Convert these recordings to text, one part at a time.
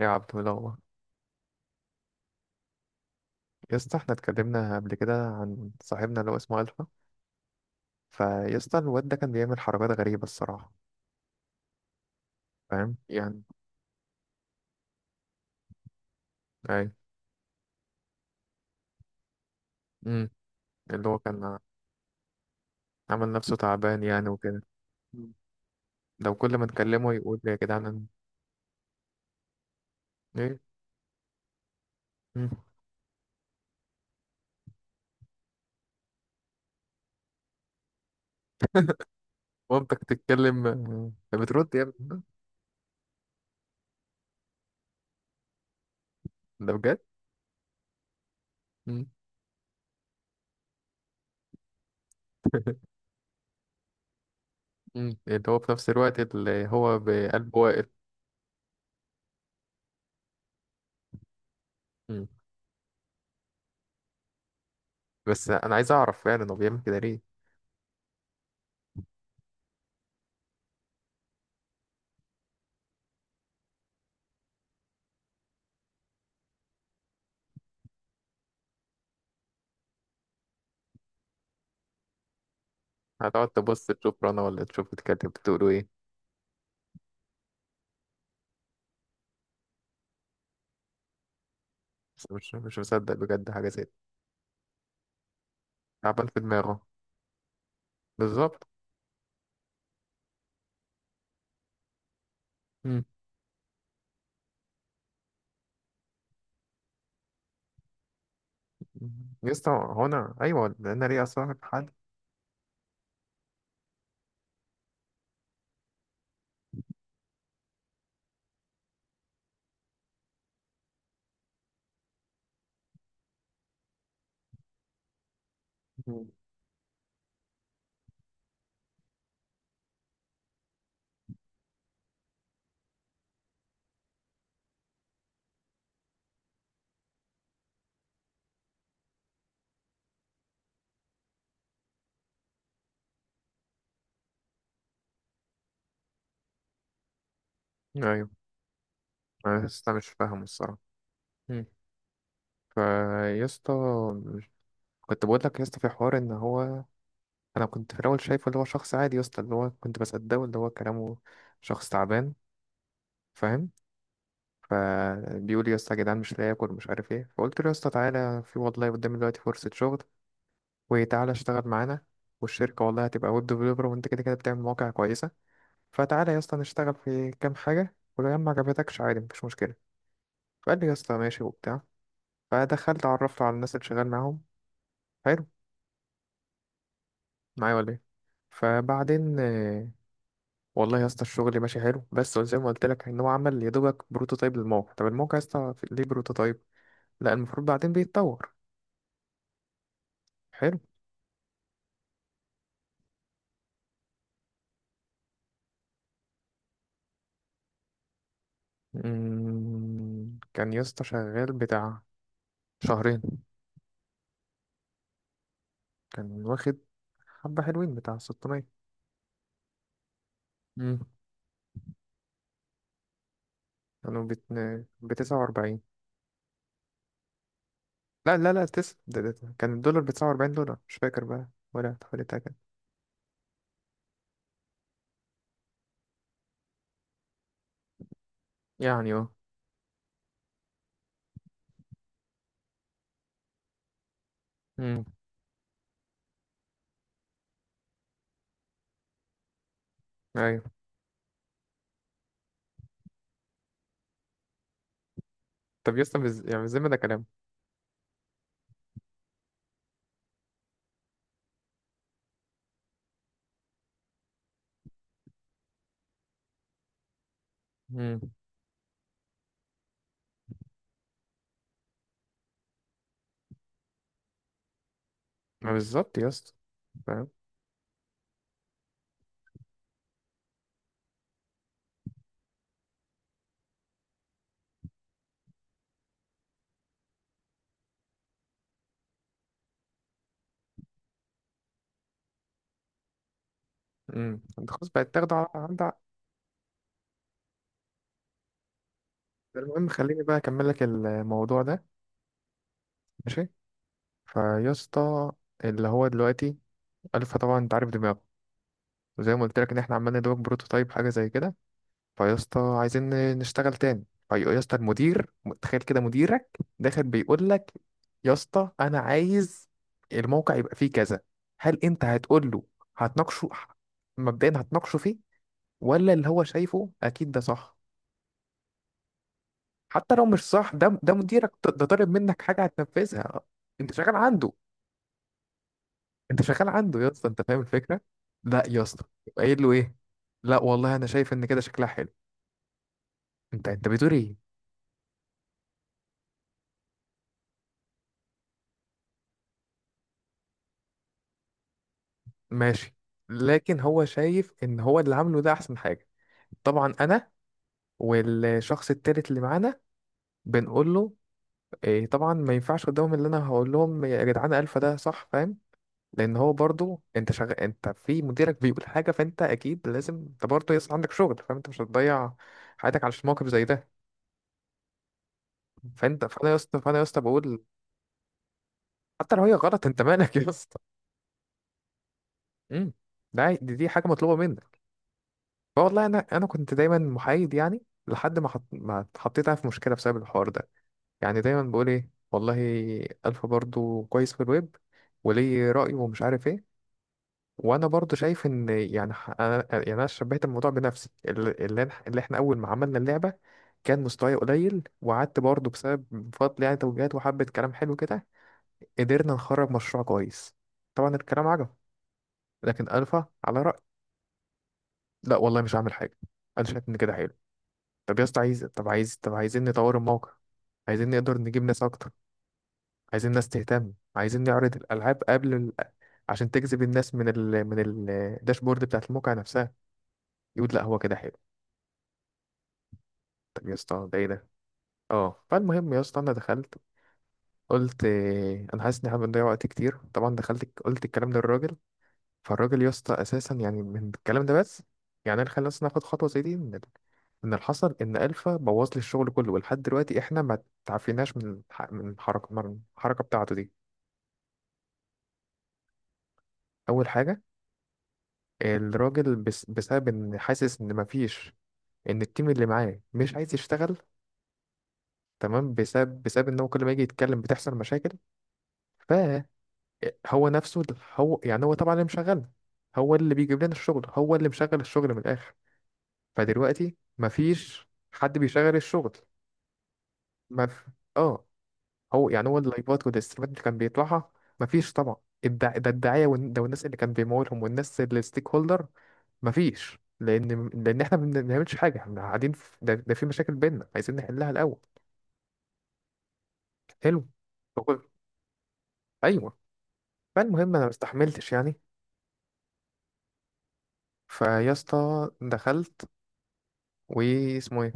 ايه يا عبد الله؟ يا اسطى، احنا اتكلمنا قبل كده عن صاحبنا اللي هو اسمه الفا. فيا اسطى، الواد ده كان بيعمل حركات غريبه الصراحه. فاهم يعني. اي. امم اللي هو كان عمل نفسه تعبان يعني وكده. مم. لو كل ما نكلمه يقول لي يا جدعان. ايه. مم. مامتك تتكلم، آه، بترد يا ابني. ده بجد. مم. مم. اللي هو في نفس الوقت اللي هو بقلبه واقف. مم. بس انا عايز اعرف فعلا هو بيعمل كده ليه؟ هتقعد تبص تشوف رنا ولا تشوف بتكلم بتقولوا ايه؟ بس مش مصدق بجد حاجة زي دي. تعبان في دماغه. بالظبط. مم. يسطا هو أنا أيوة لأن ليه أصلا في حد؟ مم. أيوه. أنا يسطا مش فاهم الصراحة. مم. فيسطا، كنت بقول لك يسطا في حوار إن هو، أنا كنت في الأول شايفه اللي هو شخص عادي يسطا اللي هو كنت بصدقه اللي هو كلامه. شخص تعبان. فاهم. فبيقول يسطا يا اسطى يا جدعان مش لاقي آكل مش عارف إيه، فقلت له يسطا تعالى في والله قدامي دلوقتي فرصة شغل وتعالى اشتغل معانا، والشركة والله هتبقى ويب ديفلوبر وانت كده كده بتعمل مواقع كويسة. فتعالى يا اسطى نشتغل في كام حاجة، ولو يا عم ما عجبتكش عادي مفيش مشكلة. فقال لي يا اسطى ماشي وبتاع. فدخلت عرفته على الناس اللي شغال معاهم. حلو. معايا ولا ايه؟ فبعدين والله يا اسطى الشغل ماشي حلو، بس زي ما قلت لك ان هو عمل يا دوبك بروتوتايب للموقع. طب الموقع يا اسطى ليه بروتوتايب؟ لا المفروض بعدين بيتطور. حلو. مم، كان يا اسطى شغال بتاع شهرين. كان واخد حبة حلوين بتاع 600. مم. كانوا ب49. لا لا لا، ده. كان الدولار ب49 دولار، مش فاكر بقى ولا حوالي كده. يعني اه. مم. أيوة. طب يا اسطى يعني بالذمة ده كلام؟ مم. ما بالظبط يا اسطى. فاهم. مم. انت خلاص بقت تاخده على عند. المهم خليني بقى أكمل لك الموضوع ده. ماشي. فيا اسطى، اللي هو دلوقتي ألفا طبعا أنت عارف دماغه، وزي ما قلت لك إن إحنا عمالين ندوق بروتوتايب حاجة زي كده. فيا اسطى عايزين نشتغل تاني. فيا اسطى المدير، تخيل كده مديرك داخل بيقول لك يا اسطى انا عايز الموقع يبقى فيه كذا. هل انت هتقول له؟ هتناقشه؟ مبدئيا هتناقشه فيه ولا اللي هو شايفه اكيد ده صح؟ حتى لو مش صح ده مديرك، ده طالب منك حاجه هتنفذها. انت شغال عنده. انت شغال عنده يا اسطى، انت فاهم الفكره. لا يا اسطى يبقى قايل له ايه؟ لا والله انا شايف ان كده شكلها حلو. انت بتقول ايه؟ ماشي. لكن هو شايف ان هو اللي عامله ده احسن حاجه. طبعا انا والشخص التالت اللي معانا بنقول له إيه، طبعا ما ينفعش قدامهم اللي انا هقول لهم يا جدعان الفا ده صح، فاهم. لان هو برضو، انت شغال، انت في مديرك بيقول حاجه فانت اكيد لازم انت برضو يصل عندك شغل، فاهم، انت مش هتضيع حياتك على موقف زي ده. فانت فانا يا اسطى فانا يا اسطى بقول، حتى لو هي غلط انت مالك يا اسطى؟ امم ده عادي، دي حاجه مطلوبه منك. والله انا كنت دايما محايد، يعني لحد ما ما اتحطيت أنا في مشكله بسبب الحوار ده. يعني دايما بقول ايه والله الفا برضو كويس في الويب وليه راي ومش عارف ايه، وانا برضو شايف ان يعني انا يعني انا شبهت الموضوع بنفسي اللي اللي احنا اول ما عملنا اللعبه كان مستواي قليل، وقعدت برضو بسبب بفضل يعني توجيهات وحبه كلام حلو كده قدرنا نخرج مشروع كويس. طبعا الكلام عجب. لكن الفا على راي، لا والله مش هعمل حاجه، انا شايف ان كده حلو. طب عايزين نطور الموقع، عايزين نقدر نجيب ناس اكتر، عايزين ناس تهتم، عايزين نعرض الالعاب قبل عشان تجذب الناس من من الداشبورد بتاعت الموقع نفسها. يقول لا هو كده حلو. طب يا اسطى ده ايه ده؟ اه فالمهم يا اسطى انا دخلت، قلت انا حاسس ان احنا بنضيع وقت كتير. طبعا دخلت قلت الكلام للراجل. فالراجل يا اسطى اساسا يعني من الكلام ده بس يعني انا، خلينا اصلا ناخد خطوه زي دي. ان ان الحصل ان الفا بوظ لي الشغل كله، ولحد دلوقتي احنا ما تعافيناش من من الحركه بتاعته دي. اول حاجه الراجل بس بسبب ان حاسس ان ما فيش، ان التيم اللي معاه مش عايز يشتغل، تمام، بسبب ان هو كل ما يجي يتكلم بتحصل مشاكل. فهو نفسه هو يعني هو طبعا اللي مشغل، هو اللي بيجيب لنا الشغل، هو اللي مشغل الشغل من الاخر. فدلوقتي مفيش حد بيشغل الشغل. مف... اه. هو يعني هو اللايفات والستريمات اللي كان بيطلعها، مفيش طبعا. الدعاية وال- ده والناس اللي كان بيمولهم، والناس الستيك هولدر، مفيش، لان احنا ما بنعملش حاجه، احنا قاعدين ده في مشاكل بينا عايزين نحلها الاول. حلو. فقلت ايوه، فالمهم انا ما استحملتش يعني. فيا اسطى دخلت، واسمه ايه،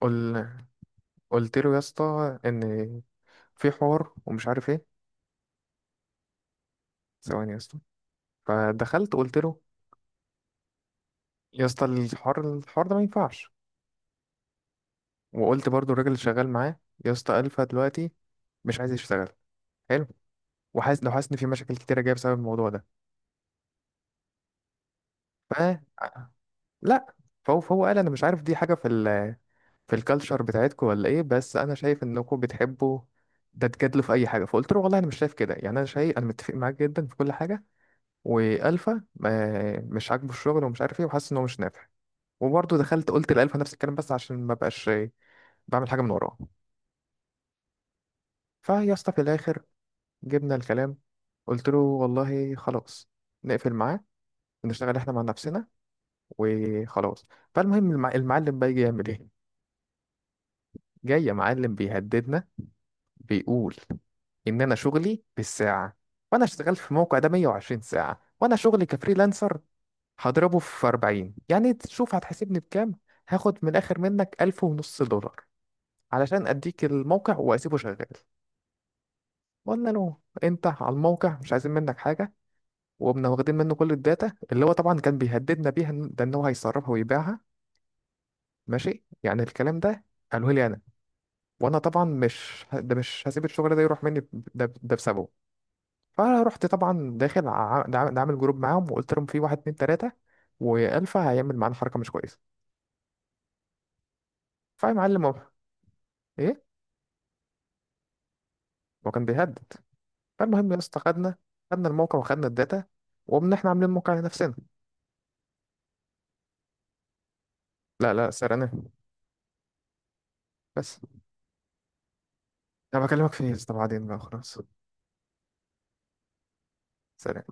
قل... قلت له يا اسطى ان في حوار ومش عارف ايه. ثواني يا اسطى. فدخلت قلت له يا اسطى الحوار ده ما ينفعش. وقلت برضو الراجل اللي شغال معاه يا اسطى الفا دلوقتي مش عايز يشتغل. حلو. لو حاسس ان في مشاكل كتيره جايه بسبب الموضوع ده. ف لا، فهو قال انا مش عارف دي حاجه في الكالتشر بتاعتكم ولا ايه، بس انا شايف انكم بتحبوا ده تجادلوا في اي حاجه. فقلت له والله انا مش شايف كده، يعني انا شايف انا متفق معاك جدا في كل حاجه، والفا مش عاجبه الشغل ومش عارف ايه وحاسس ان هو مش نافع. وبرضه دخلت قلت لالفا نفس الكلام، بس عشان ما بقاش بعمل حاجه من وراه. فيا اسطى في الاخر جبنا الكلام، قلت له والله خلاص، نقفل معاه ونشتغل احنا مع نفسنا وخلاص. فالمهم المعلم بقى يجي يعمل ايه؟ جاي يا معلم بيهددنا، بيقول ان انا شغلي بالساعه، وانا اشتغلت في الموقع ده 120 ساعه، وانا شغلي كفريلانسر، هضربه في 40 يعني، تشوف هتحاسبني بكام. هاخد من الاخر منك 1500 دولار علشان اديك الموقع واسيبه شغال. قلنا له انت على الموقع مش عايزين منك حاجه، وقمنا واخدين منه كل الداتا اللي هو طبعا كان بيهددنا بيها إن- ده ان هو هيسربها ويبيعها. ماشي يعني، الكلام ده قالوه لي انا، وانا طبعا مش ه- ده مش هسيب الشغل ده يروح مني ده بسببه. فرحت طبعا داخل ع- ده عامل ده عامل جروب معاهم، وقلت لهم في واحد اتنين تلاته والفا هيعمل معانا حركه مش كويسه. فمعلم هو، ايه، هو كان بيهدد. فالمهم يا اسطى خدنا الموقع وخدنا الداتا وقمنا احنا عاملين موقع لنفسنا. لا لا، سرقناه. بس انا بكلمك في ايه يا اسطى، بعدين بقى خلاص. سلام.